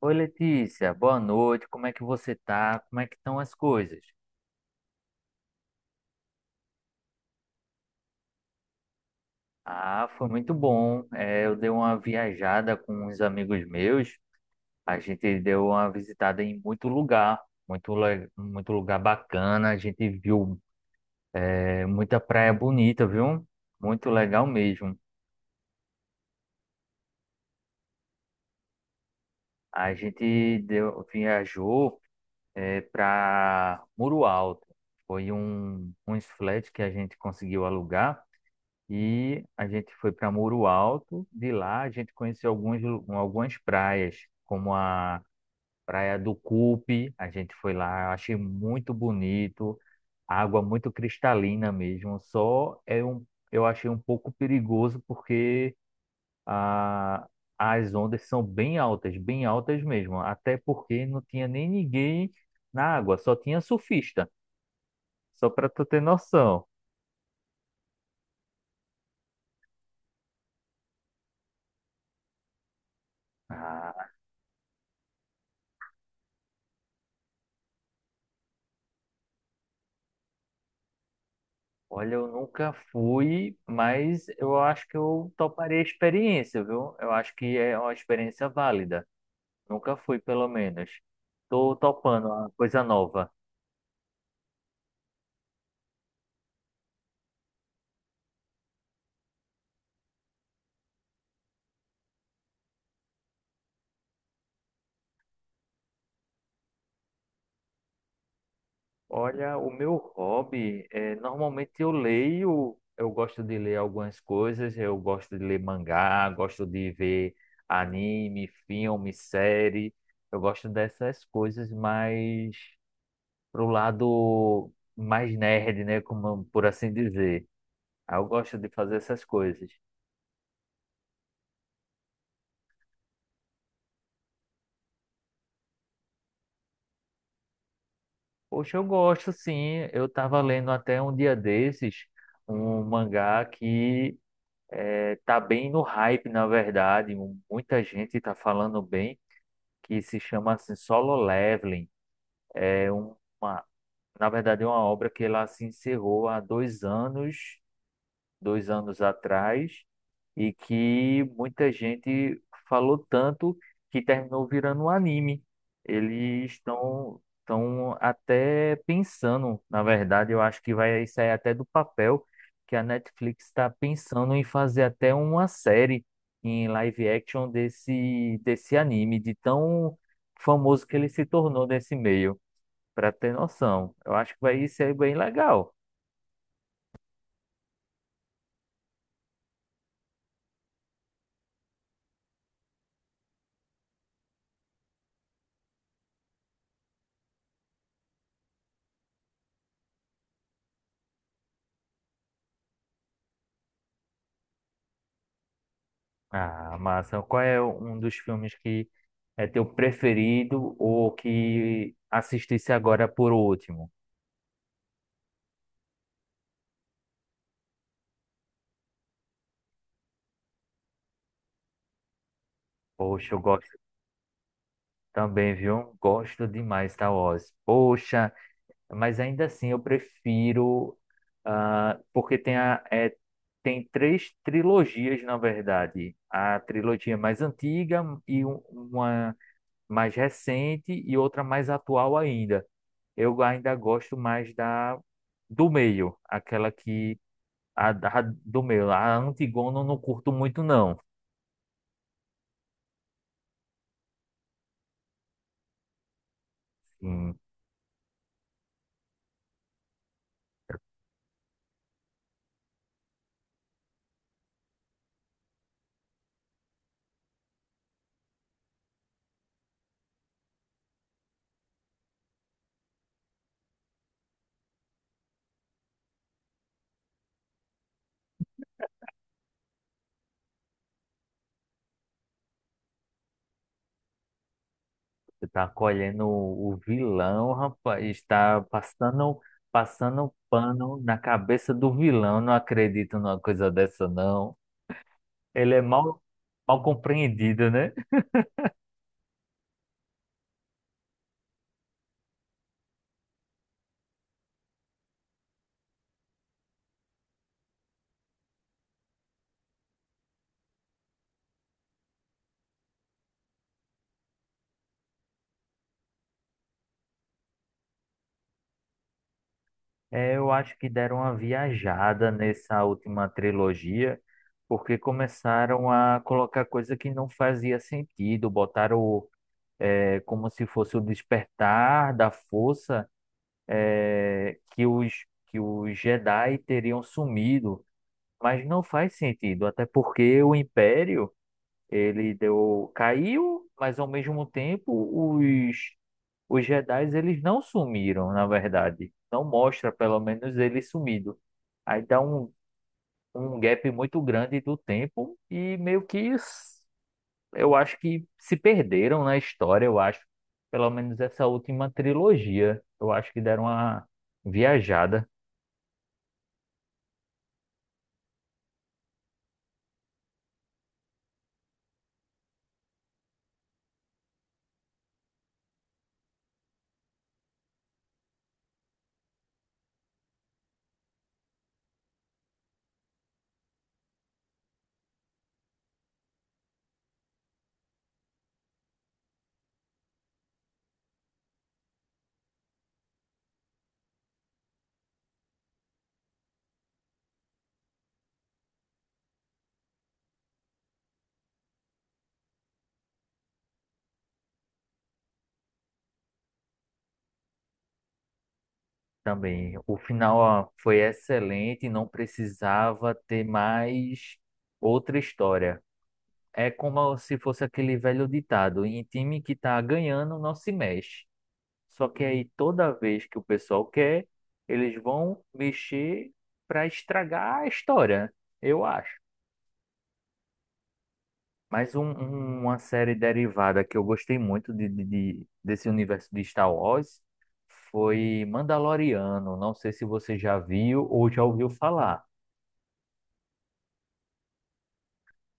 Oi, Letícia, boa noite. Como é que você tá? Como é que estão as coisas? Ah, foi muito bom. É, eu dei uma viajada com uns amigos meus. A gente deu uma visitada em muito lugar, muito, muito lugar bacana. A gente viu, muita praia bonita, viu? Muito legal mesmo. A gente deu, viajou, para Muro Alto. Foi uns flats que a gente conseguiu alugar. E a gente foi para Muro Alto. De lá a gente conheceu alguns, algumas praias, como a Praia do Cupe. A gente foi lá, eu achei muito bonito, água muito cristalina mesmo. Só é um, eu achei um pouco perigoso porque a, as ondas são bem altas mesmo. Até porque não tinha nem ninguém na água, só tinha surfista. Só para tu ter noção. Ah, olha, eu nunca fui, mas eu acho que eu toparia a experiência, viu? Eu acho que é uma experiência válida. Nunca fui, pelo menos. Tô topando uma coisa nova. Olha, o meu hobby é normalmente eu leio, eu gosto de ler algumas coisas, eu gosto de ler mangá, gosto de ver anime, filme, série. Eu gosto dessas coisas mais pro lado mais nerd, né, como por assim dizer. Aí eu gosto de fazer essas coisas. Poxa, eu gosto sim. Eu estava lendo até um dia desses um mangá que tá bem no hype, na verdade. Muita gente está falando bem, que se chama assim, Solo Leveling. É uma, na verdade, é uma obra que ela se encerrou há 2 anos atrás, e que muita gente falou tanto que terminou virando um anime. Eles estão até pensando, na verdade, eu acho que vai sair até do papel, que a Netflix está pensando em fazer até uma série em live action desse anime, de tão famoso que ele se tornou nesse meio, para ter noção. Eu acho que vai ser bem legal. Ah, massa. Qual é um dos filmes que é teu preferido ou que assistisse agora por último? Poxa, eu gosto também, viu? Gosto demais Star Wars. Poxa, mas ainda assim eu prefiro, ah, porque tem tem 3 trilogias, na verdade. A trilogia mais antiga e uma mais recente e outra mais atual ainda. Eu ainda gosto mais da do meio, aquela que do meio, a Antigona eu não curto muito não. Hum, você tá colhendo o vilão, rapaz, está passando pano na cabeça do vilão. Não acredito numa coisa dessa não. Ele é mal compreendido, né? É, eu acho que deram uma viajada nessa última trilogia. Porque começaram a colocar coisa que não fazia sentido, botaram é como se fosse o despertar da força que os Jedi teriam sumido, mas não faz sentido, até porque o Império ele deu caiu, mas ao mesmo tempo os os Jedi eles não sumiram, na verdade, não mostra pelo menos eles sumido. Aí dá um gap muito grande do tempo e meio que eu acho que se perderam na história, eu acho, pelo menos essa última trilogia, eu acho que deram uma viajada também. O final, ó, foi excelente, não precisava ter mais outra história. É como se fosse aquele velho ditado, em time que tá ganhando não se mexe. Só que aí toda vez que o pessoal quer, eles vão mexer para estragar a história, eu acho. Mas uma série derivada que eu gostei muito desse universo de Star Wars foi Mandaloriano. Não sei se você já viu ou já ouviu falar.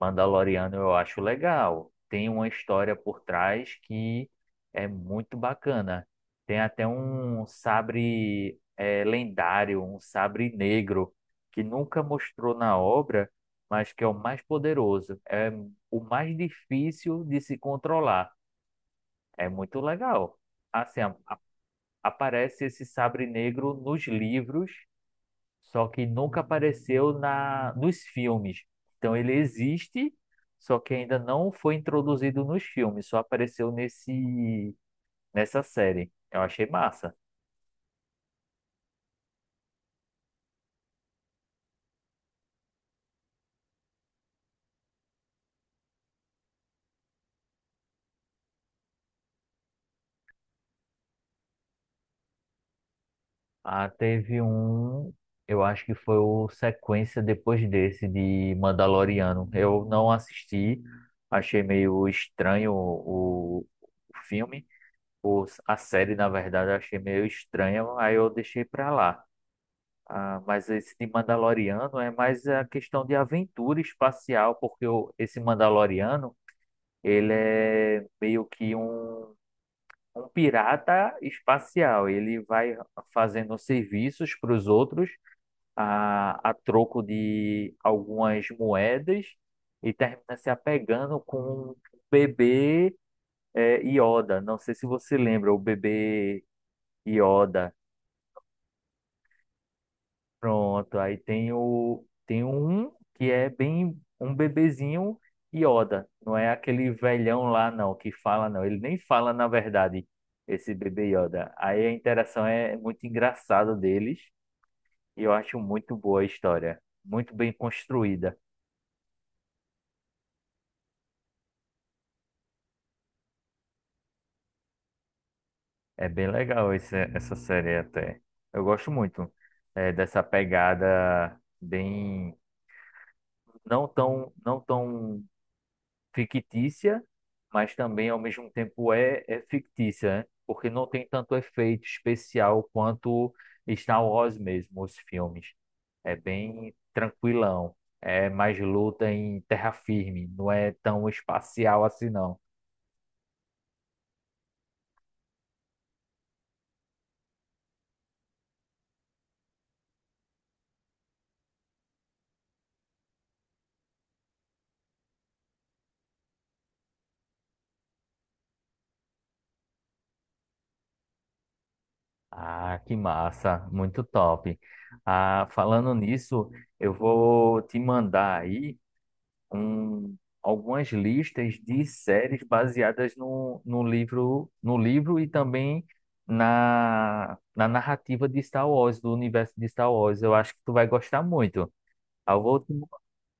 Mandaloriano eu acho legal. Tem uma história por trás que é muito bacana. Tem até um sabre lendário, um sabre negro, que nunca mostrou na obra, mas que é o mais poderoso. É o mais difícil de se controlar. É muito legal. Assim, aparece esse sabre negro nos livros, só que nunca apareceu na nos filmes. Então ele existe, só que ainda não foi introduzido nos filmes, só apareceu nesse nessa série. Eu achei massa. Ah, eu acho que foi o sequência depois desse de Mandaloriano. Eu não assisti, achei meio estranho o filme os a série, na verdade, eu achei meio estranha, aí eu deixei pra lá. Ah, mas esse de Mandaloriano é mais a questão de aventura espacial, porque esse Mandaloriano, ele é meio que um pirata espacial. Ele vai fazendo serviços para os outros a troco de algumas moedas e termina se apegando com um bebê Yoda. Não sei se você lembra, o bebê Yoda. Pronto, aí tem o tem um que é bem um bebezinho Yoda, não é aquele velhão lá não que fala não, ele nem fala na verdade esse bebê Yoda. Aí a interação é muito engraçada deles e eu acho muito boa a história, muito bem construída. É bem legal essa série até. Eu gosto muito dessa pegada bem não tão fictícia, mas também ao mesmo tempo é fictícia, né? Porque não tem tanto efeito especial quanto Star Wars mesmo, os filmes. É bem tranquilão, é mais luta em terra firme, não é tão espacial assim não. Ah, que massa, muito top. Ah, falando nisso, eu vou te mandar aí um, algumas listas de séries baseadas no livro, no livro e também na narrativa de Star Wars, do universo de Star Wars. Eu acho que tu vai gostar muito. Ah,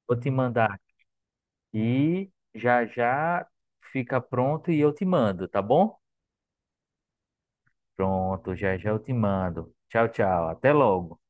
vou te mandar aqui, já já fica pronto e eu te mando, tá bom? Pronto, já já eu te mando. Tchau, tchau. Até logo.